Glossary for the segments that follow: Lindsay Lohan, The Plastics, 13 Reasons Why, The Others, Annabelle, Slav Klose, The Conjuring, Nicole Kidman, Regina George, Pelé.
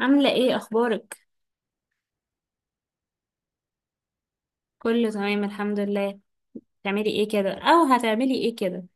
عاملة ايه، اخبارك؟ كله تمام، الحمد لله. تعملي ايه كده او هتعملي ايه كده؟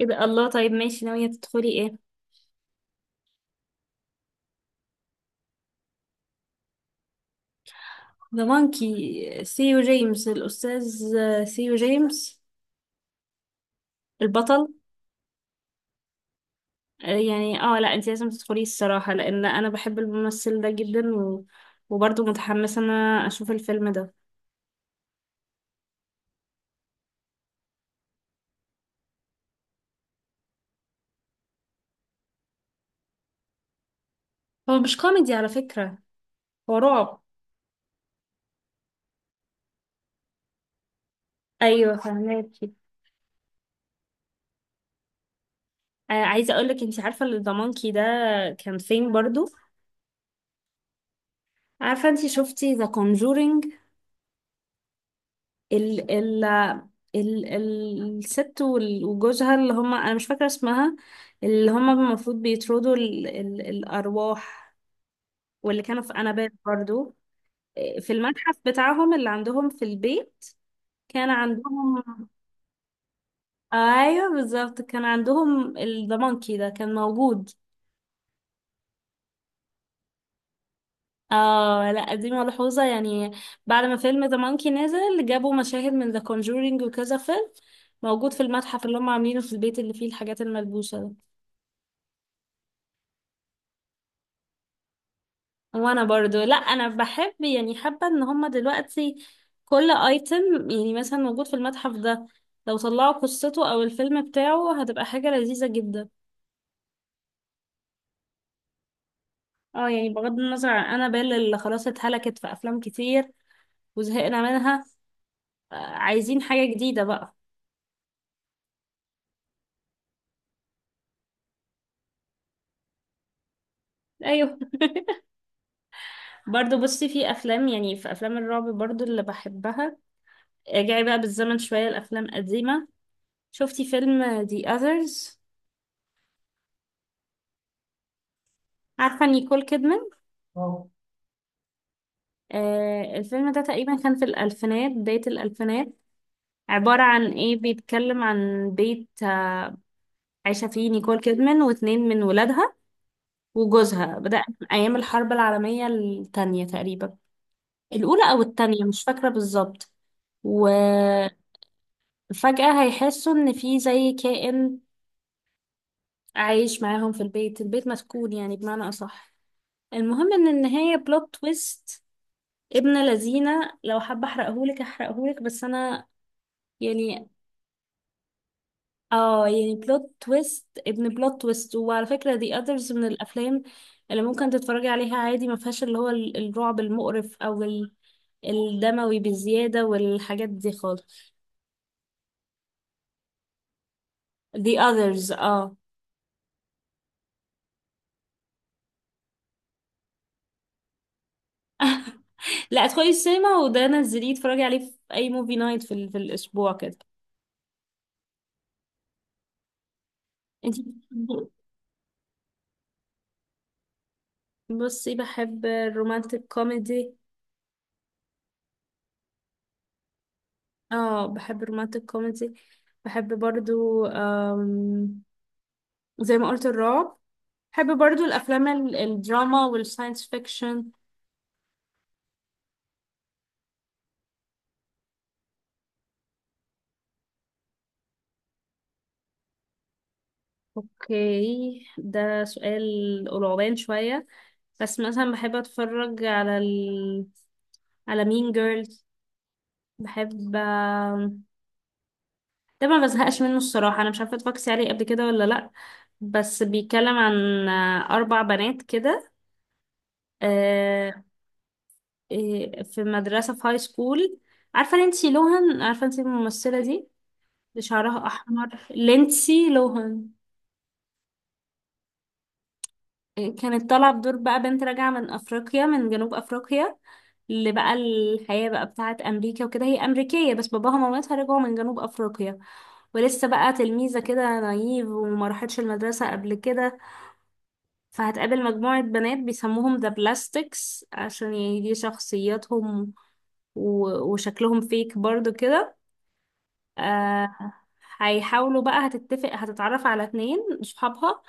ايه ده؟ الله، طيب، ماشي، ناوية تدخلي ايه؟ ذا مونكي، سيو جيمس الاستاذ، سيو جيمس البطل. يعني لا، انت لازم تدخلي الصراحة، لان انا بحب الممثل ده جدا، و... وبرضه متحمسة ان انا اشوف الفيلم ده. هو مش كوميدي على فكرة، هو رعب. ايوه، فهماكي. آه، عايزة اقولك، انت عارفة ان ذا مونكي ده كان فين برضه؟ عارفة، انتي شفتي ذا Conjuring؟ ال ال الست، وجوزها، اللي هما انا مش فاكره اسمها. اللي هما المفروض بيطردوا ال ال الارواح، واللي كانوا في انابيب برضو، في المتحف بتاعهم اللي عندهم في البيت، كان عندهم. ايوه بالظبط كان عندهم، ذا مونكي ده كان موجود. اه لا، دي ملحوظة يعني. بعد ما فيلم ذا مونكي نزل جابوا مشاهد من ذا كونجورينج وكذا فيلم موجود في المتحف اللي هم عاملينه في البيت، اللي فيه الحاجات الملبوسة ده. وانا برضو، لا انا بحب، يعني حابه ان هما دلوقتي كل ايتم يعني مثلا موجود في المتحف ده، لو طلعوا قصته او الفيلم بتاعه هتبقى حاجه لذيذه جدا. اه يعني بغض النظر عن انابيل اللي خلاص اتهلكت في افلام كتير، وزهقنا منها. عايزين حاجه جديده بقى. ايوه. برضو بصي، في افلام، يعني في افلام الرعب برضو اللي بحبها. ارجعي بقى بالزمن شويه، الافلام قديمه. شفتي فيلم The Others؟ عارفه نيكول كيدمان؟ الفيلم ده تقريبا كان في الألفينات، بداية الألفينات. عبارة عن إيه، بيتكلم عن بيت عايشة فيه نيكول كيدمان واتنين من ولادها وجوزها، بدأ من أيام الحرب العالمية التانية تقريبا، الأولى أو التانية مش فاكرة بالظبط. وفجأة هيحسوا إن في زي كائن عايش معاهم في البيت، البيت مسكون يعني بمعنى أصح. المهم إن النهاية بلوت تويست، ابن لذينة، لو حابة أحرقهولك أحرقهولك بس أنا يعني... اه يعني بلوت تويست ابن بلوت تويست، وعلى فكرة دي اذرز من الافلام اللي ممكن تتفرجي عليها عادي، ما فيهاش اللي هو الرعب المقرف او الدموي بزيادة والحاجات دي خالص. The others، اه. لا، ادخلي السينما، وده نزليه اتفرجي عليه في اي موفي نايت في الاسبوع كده. انتي بتحبي- إيه؟ بصي بحب الرومانتك كوميدي. اه، بحب الرومانتك كوميدي. بحب برضو، زي ما قلت الرعب. بحب برضو الافلام الدراما والساينس فيكشن. اوكي، ده سؤال قرعبان شوية. بس مثلا بحب اتفرج على مين جيرلز، بحب. ده ما بزهقش منه الصراحة، انا مش عارفة اتفرجتي عليه قبل كده ولا لا. بس بيتكلم عن اربع بنات كده، آه، في مدرسة في هاي سكول. عارفة لينسي لوهان؟ عارفة انتي الممثلة دي اللي شعرها احمر، لينسي لوهان؟ كانت طالعة بدور بقى بنت راجعة من أفريقيا، من جنوب أفريقيا، اللي بقى الحياة بقى بتاعة أمريكا وكده، هي أمريكية بس باباها ومامتها رجعوا من جنوب أفريقيا، ولسه بقى تلميذة كده نايف وما راحتش المدرسة قبل كده. فهتقابل مجموعة بنات بيسموهم ذا بلاستكس، عشان يعني دي شخصياتهم و- وشكلهم فيك برضو كده. آه، هيحاولوا بقى، هتتفق، هتتعرف على اتنين صحابها،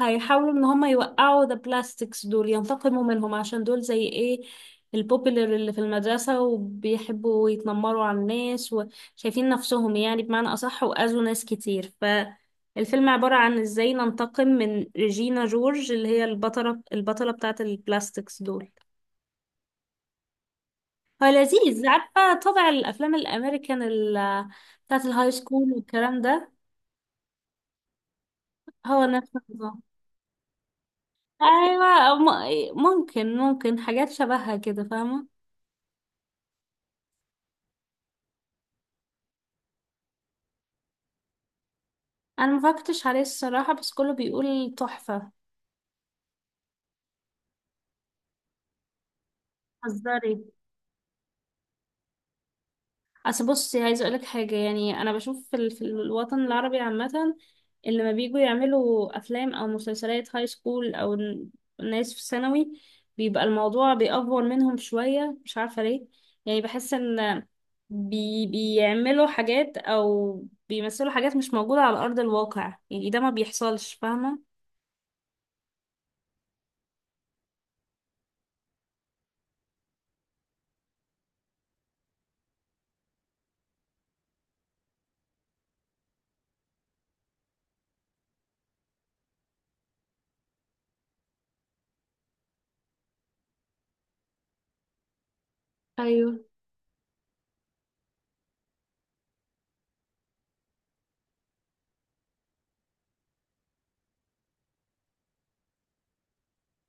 هيحاولوا ان هم يوقعوا ذا بلاستكس دول ينتقموا منهم، عشان دول زي ايه، البوبيلر اللي في المدرسة وبيحبوا يتنمروا على الناس، وشايفين نفسهم يعني بمعنى أصح، وأذوا ناس كتير. فالفيلم عبارة عن ازاي ننتقم من ريجينا جورج، اللي هي البطلة بتاعة البلاستكس دول. هو لذيذ، عارفة طبع الأفلام الأمريكان بتاعة الهاي سكول والكلام ده، هو نفس النظام. أيوة، ممكن حاجات شبهها كده، فاهمة. انا ما فكرتش عليه الصراحه، بس كله بيقول تحفه. هزاري. اصل بصي، عايزه اقولك حاجه، يعني انا بشوف في الوطن العربي عامه، اللي لما بييجوا يعملوا افلام او مسلسلات هاي سكول او ناس في ثانوي، بيبقى الموضوع بيأفور منهم شويه، مش عارفه ليه. يعني بحس ان بيعملوا حاجات او بيمثلوا حاجات مش موجوده على ارض الواقع، يعني ده ما بيحصلش، فاهمه. ايوه.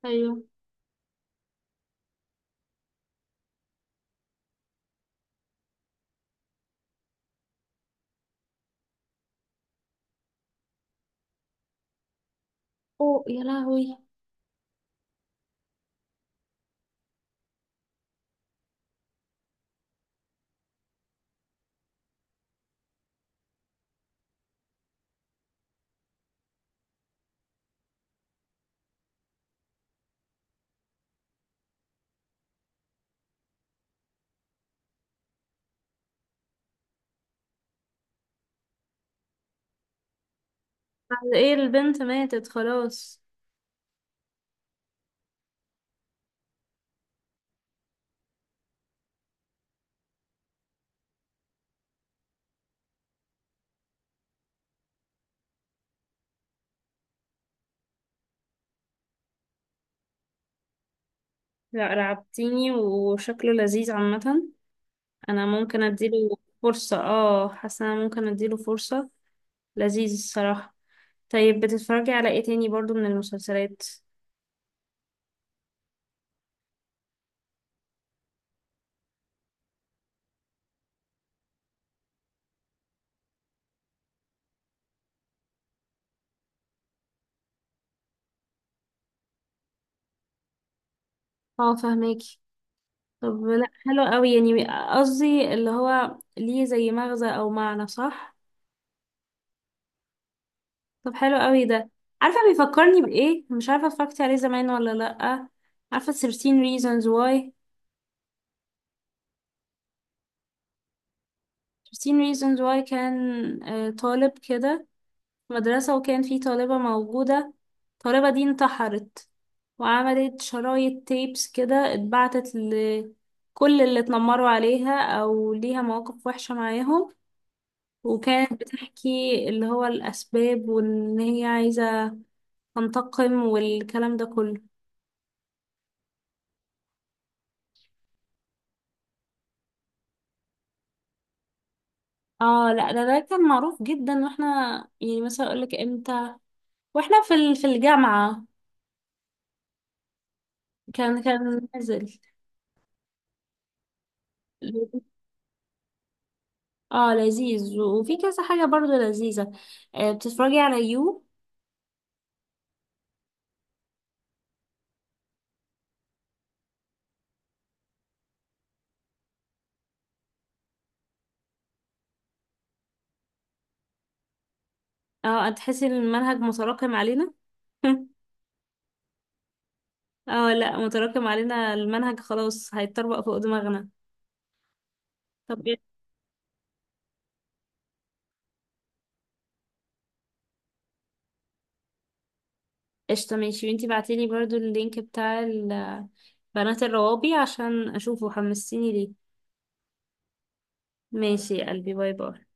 ايوه. اوه يا لهوي. بعد ايه؟ البنت ماتت خلاص. لا، رعبتيني، وشكله لذيذ عامة، انا ممكن اديله فرصة. اه، حاسة انا ممكن اديله فرصة، لذيذ الصراحة. طيب، بتتفرجي على ايه تاني برضو من المسلسلات؟ اه، فهماكي. طب لا، حلو قوي يعني. قصدي اللي هو ليه زي مغزى او معنى، صح؟ طب حلو قوي ده. عارفة بيفكرني بايه؟ مش عارفة اتفرجتي عليه زمان ولا لا. عارفة 13 reasons why؟ 13 reasons why كان طالب كده، مدرسة، وكان في طالبة موجودة. الطالبة دي انتحرت، وعملت شرايط تيبس كده اتبعتت لكل اللي اتنمروا عليها أو ليها مواقف وحشة معاهم، وكانت بتحكي اللي هو الأسباب، وإن هي عايزة تنتقم والكلام ده كله. اه لا، ده كان معروف جدا، واحنا يعني مثلا اقولك امتى، واحنا في الجامعة كان نازل. اه، لذيذ وفي كذا حاجة برضو لذيذة. آه، بتتفرجي على يو؟ اه، هتحسي ان المنهج متراكم علينا. اه لا، متراكم علينا المنهج، خلاص هيتطبق فوق دماغنا. طب إيه؟ قشطة، ماشي. وانتي بعتيلي برضو اللينك بتاع بنات الروابي عشان اشوفه، حمستيني ليه. ماشي يا قلبي، باي باي.